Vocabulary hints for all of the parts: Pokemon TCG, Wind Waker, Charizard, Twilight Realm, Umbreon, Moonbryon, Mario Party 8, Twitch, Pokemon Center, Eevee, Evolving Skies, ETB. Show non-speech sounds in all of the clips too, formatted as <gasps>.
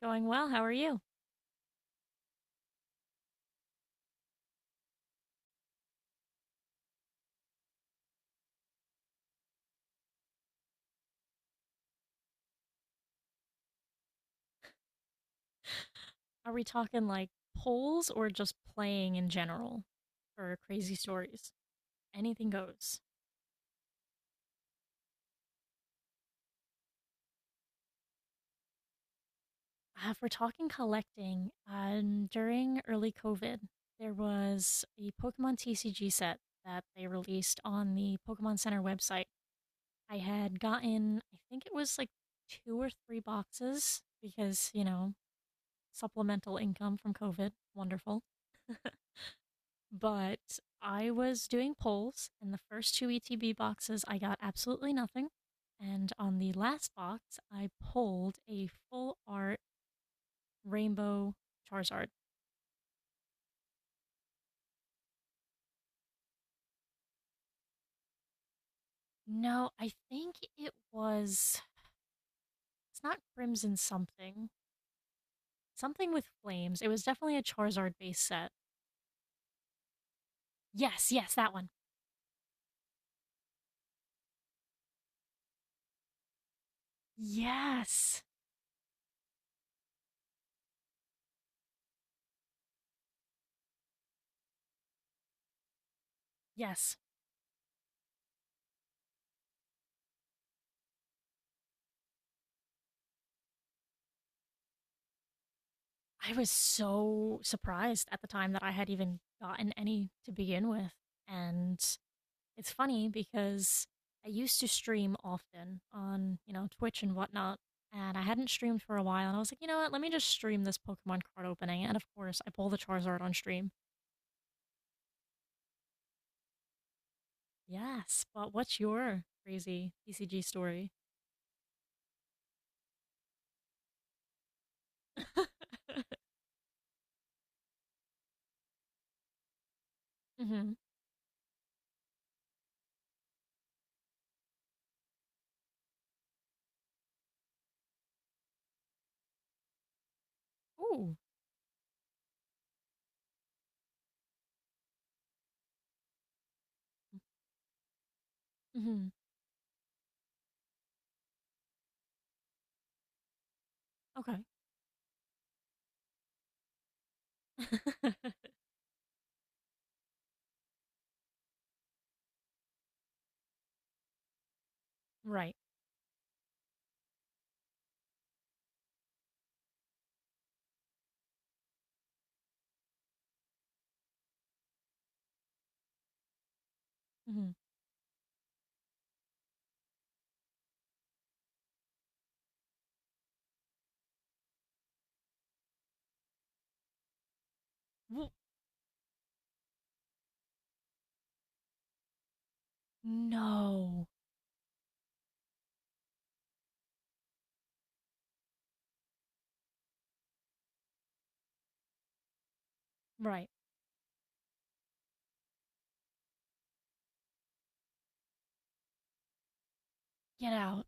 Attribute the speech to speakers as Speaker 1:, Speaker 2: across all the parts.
Speaker 1: Going well. How are you? Are we talking like polls or just playing in general for crazy stories? Anything goes. If we're talking collecting, during early COVID, there was a Pokemon TCG set that they released on the Pokemon Center website. I had gotten, I think it was like two or three boxes because, you know, supplemental income from COVID. Wonderful. But I was doing polls, and the first two ETB boxes, I got absolutely nothing. And on the last box, I pulled a full art rainbow Charizard. No, I think it was. It's not Crimson something. Something with flames. It was definitely a Charizard base set. Yes, yes, that one. Yes, yes. I was so surprised at the time that I had even gotten any to begin with. And it's funny because I used to stream often on, you know, Twitch and whatnot, and I hadn't streamed for a while, and I was like, you know what, let me just stream this Pokemon card opening, and of course, I pull the Charizard on stream. Yes, but what's your crazy PCG story? <laughs> Mm-hmm. Ooh. Mm-hmm. Okay. <laughs> Right. Mm-hmm. No. Right. Get out.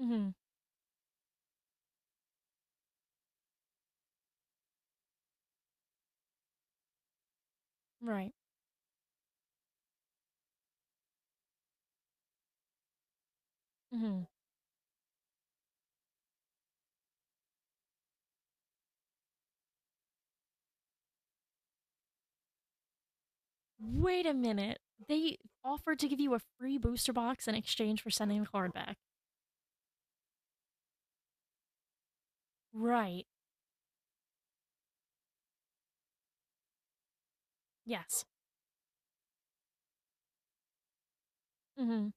Speaker 1: Mm-hmm. Right. Mm-hmm. Wait a minute. They offered to give you a free booster box in exchange for sending the card back. Right. Yes. Mm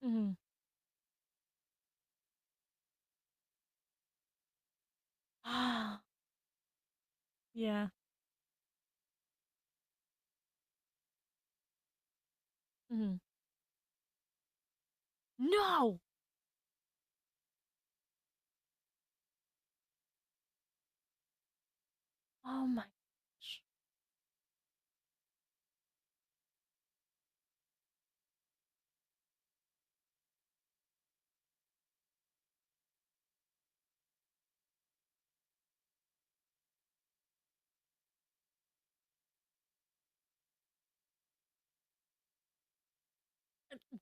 Speaker 1: hmm. Mm hmm. Ah, <gasps> yeah. Mm hmm. No! Oh my gosh.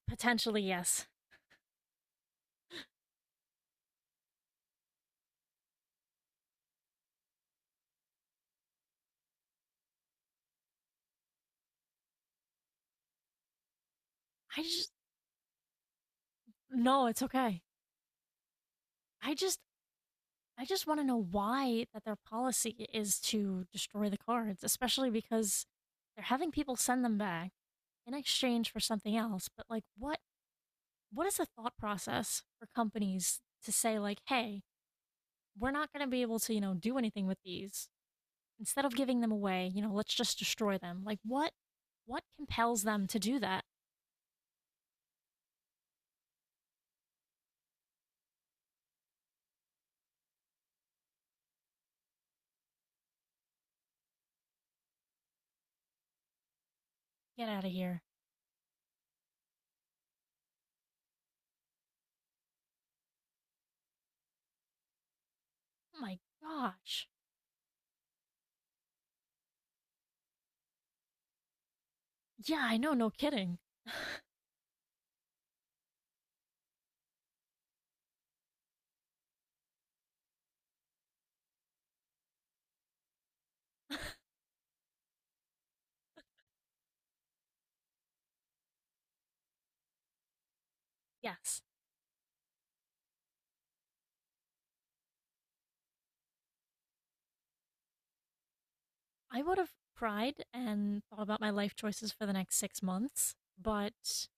Speaker 1: Potentially, yes. I just. No, it's okay. I just. I just want to know why that their policy is to destroy the cards, especially because they're having people send them back in exchange for something else. But like, what is the thought process for companies to say like, "Hey, we're not going to be able to, you know, do anything with these. Instead of giving them away, you know, let's just destroy them. Like what compels them to do that? Get out of here. Oh my gosh. Yeah, I know, no kidding. <laughs> Yes. I would have cried and thought about my life choices for the next 6 months, but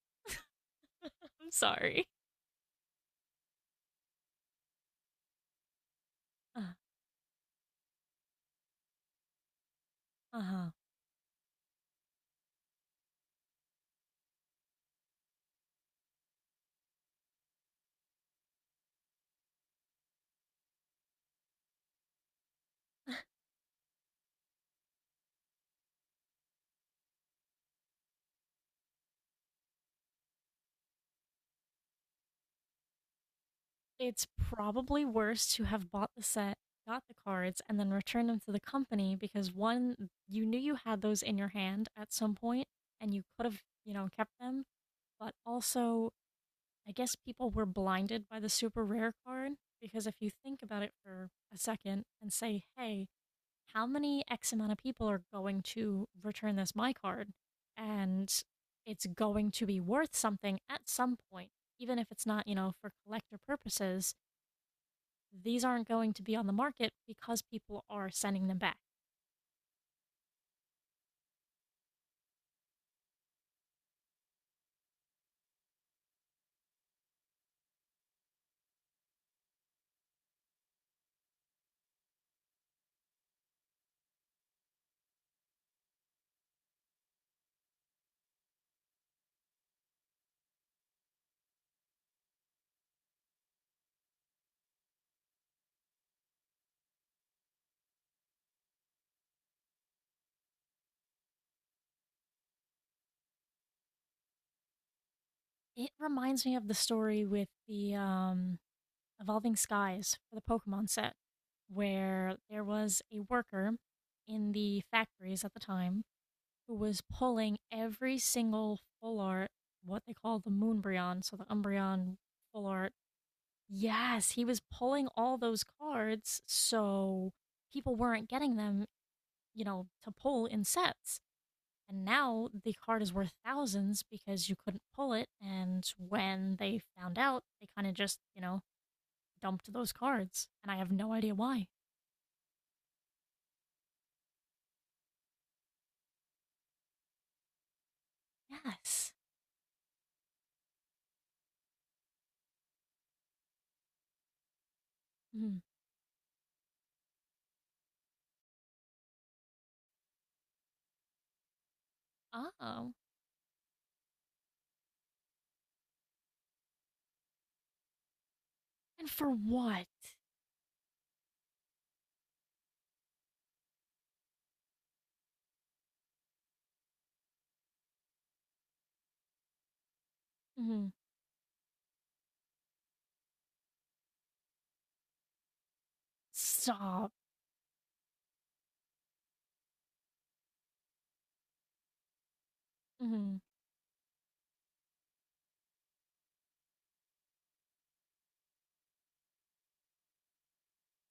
Speaker 1: I'm sorry. Uh, uh-huh. It's probably worse to have bought the set, got the cards, and then returned them to the company because one, you knew you had those in your hand at some point and you could have, you know, kept them. But also, I guess people were blinded by the super rare card because if you think about it for a second and say, hey, how many X amount of people are going to return this my card? And it's going to be worth something at some point, even if it's not, you know, for collector purposes these aren't going to be on the market because people are sending them back. It reminds me of the story with the Evolving Skies for the Pokemon set, where there was a worker in the factories at the time who was pulling every single full art, what they call the Moonbryon, so the Umbreon full art. Yes, he was pulling all those cards so people weren't getting them, you know, to pull in sets. And now the card is worth thousands because you couldn't pull it. And when they found out, they kind of just, you know, dumped those cards. And I have no idea why. Yes. Mm. Oh. And for what? Mm. Stop. Mm.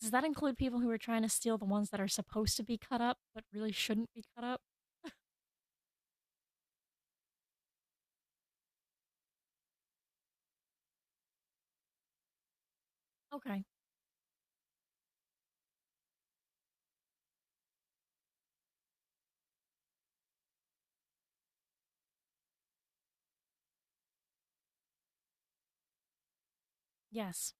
Speaker 1: Does that include people who are trying to steal the ones that are supposed to be cut up but really shouldn't be cut up? Okay. Yes.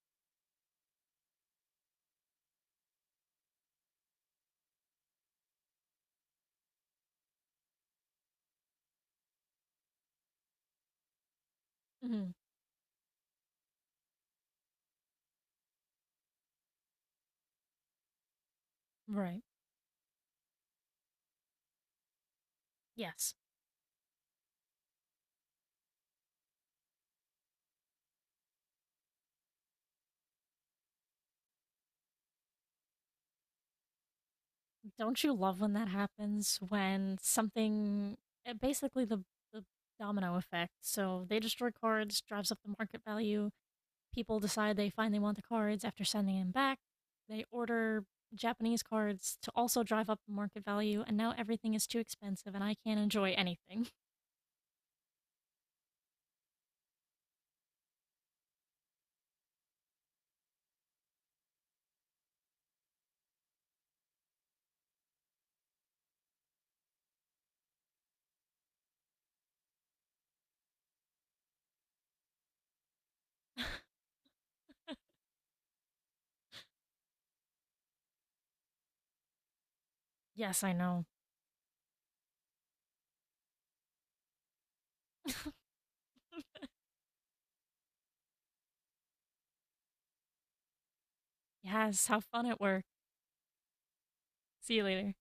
Speaker 1: Mm. Right. Yes. Don't you love when that happens? When something, basically the domino effect. So they destroy cards, drives up the market value. People decide they finally want the cards after sending them back. They order Japanese cards to also drive up the market value, and now everything is too expensive and I can't enjoy anything. <laughs> Yes, I know. Yes, have fun at work. See you later.